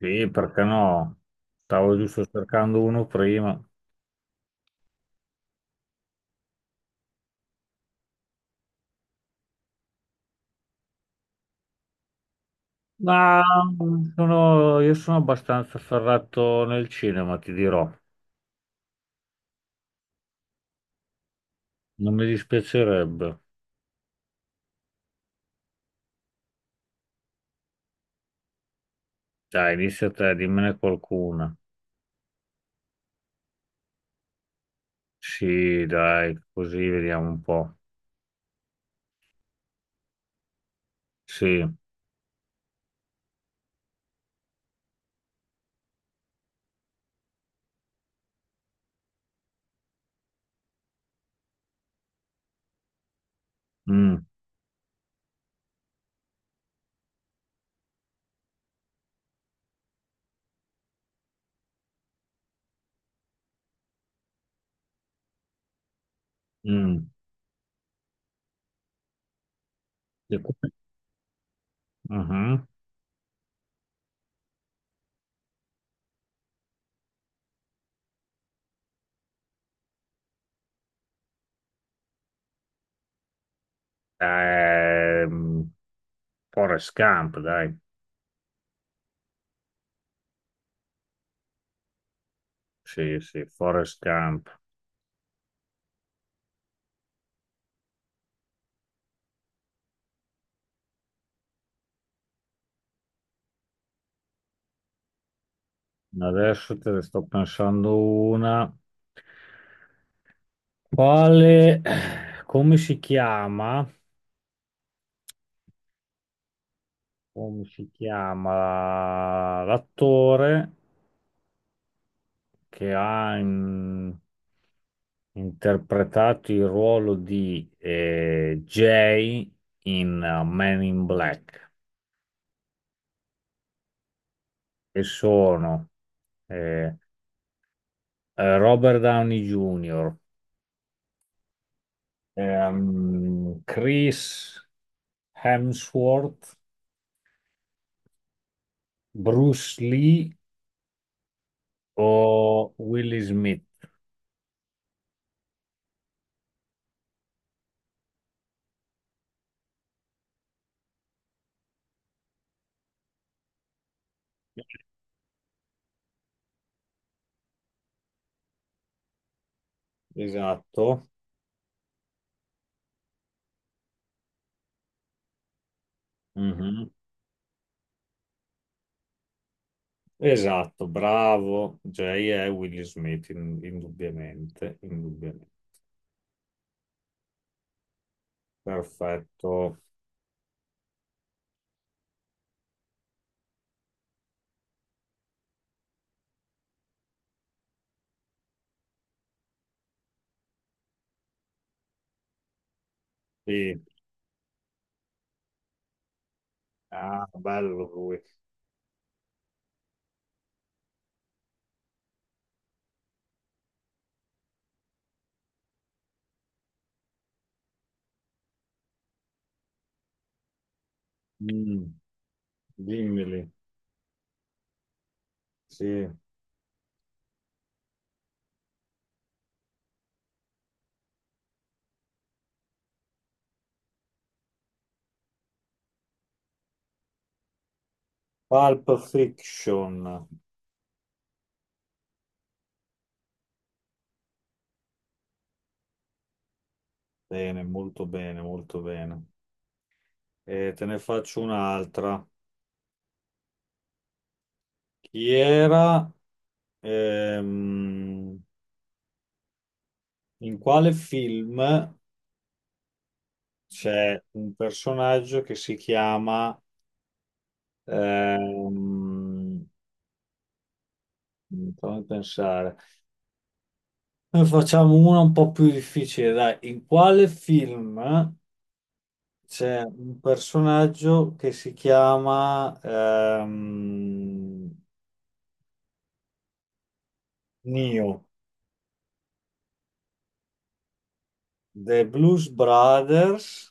Sì, perché no? Stavo giusto cercando uno prima. Ma io sono abbastanza ferrato nel cinema, ti dirò. Non mi dispiacerebbe. Dai, inizia te, dimmene qualcuna. Sì, dai, così vediamo un po'. Sì. Mm, mm. E come- Mhm. Ehm, Forrest Gump, dai. Sì, sì, Forrest Gump. Adesso te ne sto pensando una. Quale, come si chiama, Come si chiama l'attore che interpretato il ruolo di Jay in Men in Black? E sono eh, Robert Downey Jr., Chris Hemsworth, Bruce Lee o Will Smith? Esatto. Mhm. Esatto, bravo. Jay è Will Smith, indubbiamente, indubbiamente. Perfetto. Sì. Ah, bello lui. Mm, dimmeli. Sì. Pulp Fiction. Bene, molto bene, molto bene. E te ne faccio un'altra. Chi era? ehm, in quale film c'è un personaggio che si chiama... ehm, fammi pensare. Ne facciamo una un po' più difficile, dai. In quale film c'è un personaggio che si chiama ehm, Neo? The Blues Brothers,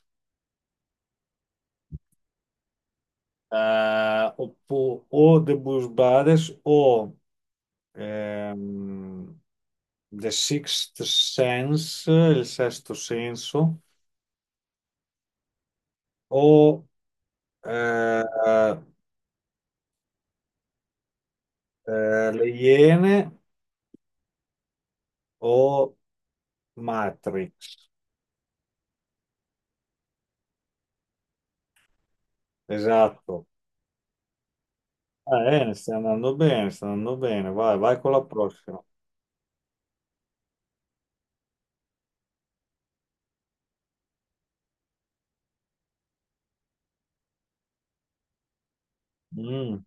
oppo- o The Blues Brothers o ehm, The Sixth Sense, il sesto senso, o eh, Le Iene o Matrix. Esatto. Stai andando bene, stai andando bene. Vai, vai con la prossima. Mm,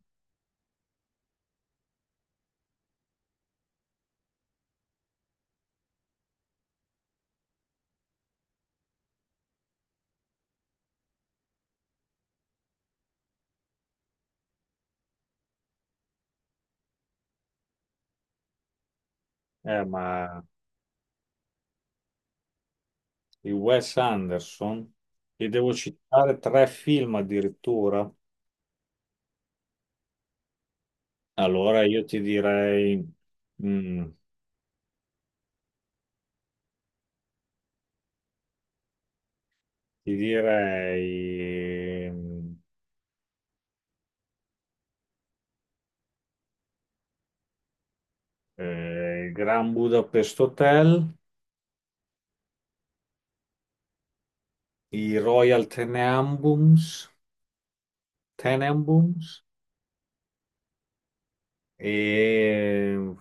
ma di Wes Anderson, ti devo citare tre film addirittura. Allora io ti direi, mm, ti direi mm, il Grand Budapest Hotel, i Royal Tenenbaums, Tenenbaums e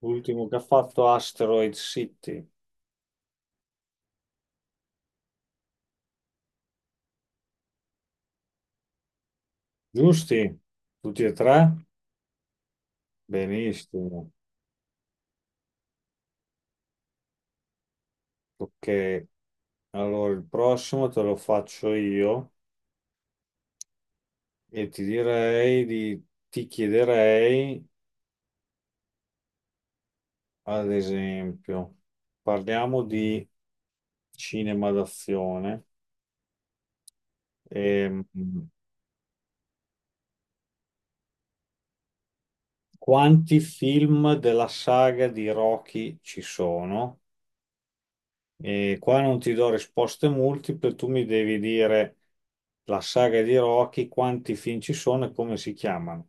l'ultimo che ha fatto Asteroid City. Giusti? Tutti e tre? Benissimo, ok. Allora, il prossimo te lo faccio io e ti chiederei, ad esempio, parliamo di cinema d'azione. Ehm, quanti film della saga di Rocky ci sono? E qua non ti do risposte multiple, tu mi devi dire la saga di Rocky, quanti film ci sono e come si chiamano.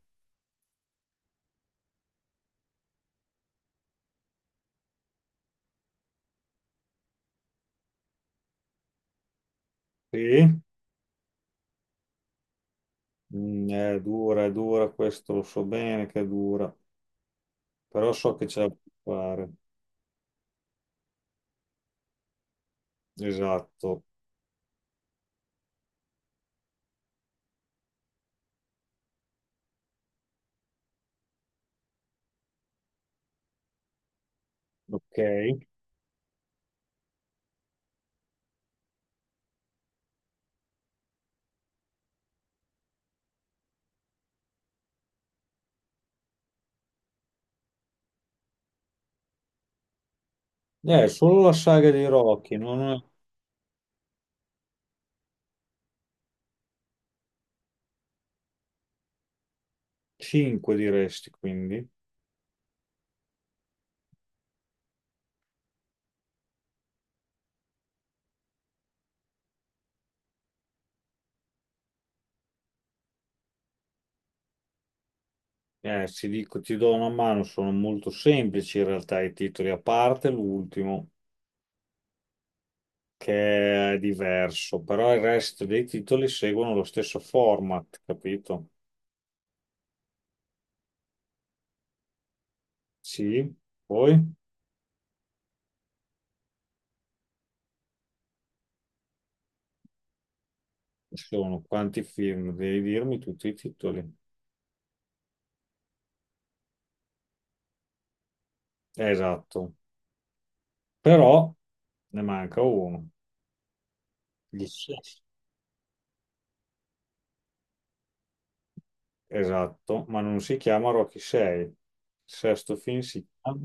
Sì? Mm, è dura, questo lo so bene che è dura, però so che ce la puoi fare. Esatto, ok. Solo la saga di Rocky, non 5 diresti, quindi. Ti dico, ti do una mano, sono molto semplici in realtà i titoli, a parte l'ultimo, che è diverso, però il resto dei titoli seguono lo stesso format, capito? Sì, poi ci sono quanti film, devi dirmi tutti i titoli. Esatto. Però ne manca uno. Gli Gli- sci. Esatto, ma non si chiama Rocky 6. Il sesto film si chiama...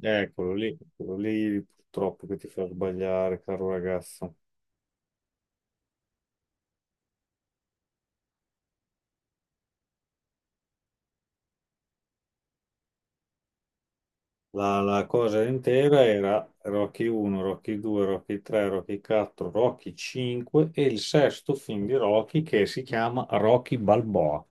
Eccolo lì, quello lì purtroppo che ti fa sbagliare, caro ragazzo. La cosa intera era Rocky 1, Rocky 2, Rocky 3, Rocky 4, Rocky 5 e il sesto film di Rocky che si chiama Rocky Balboa.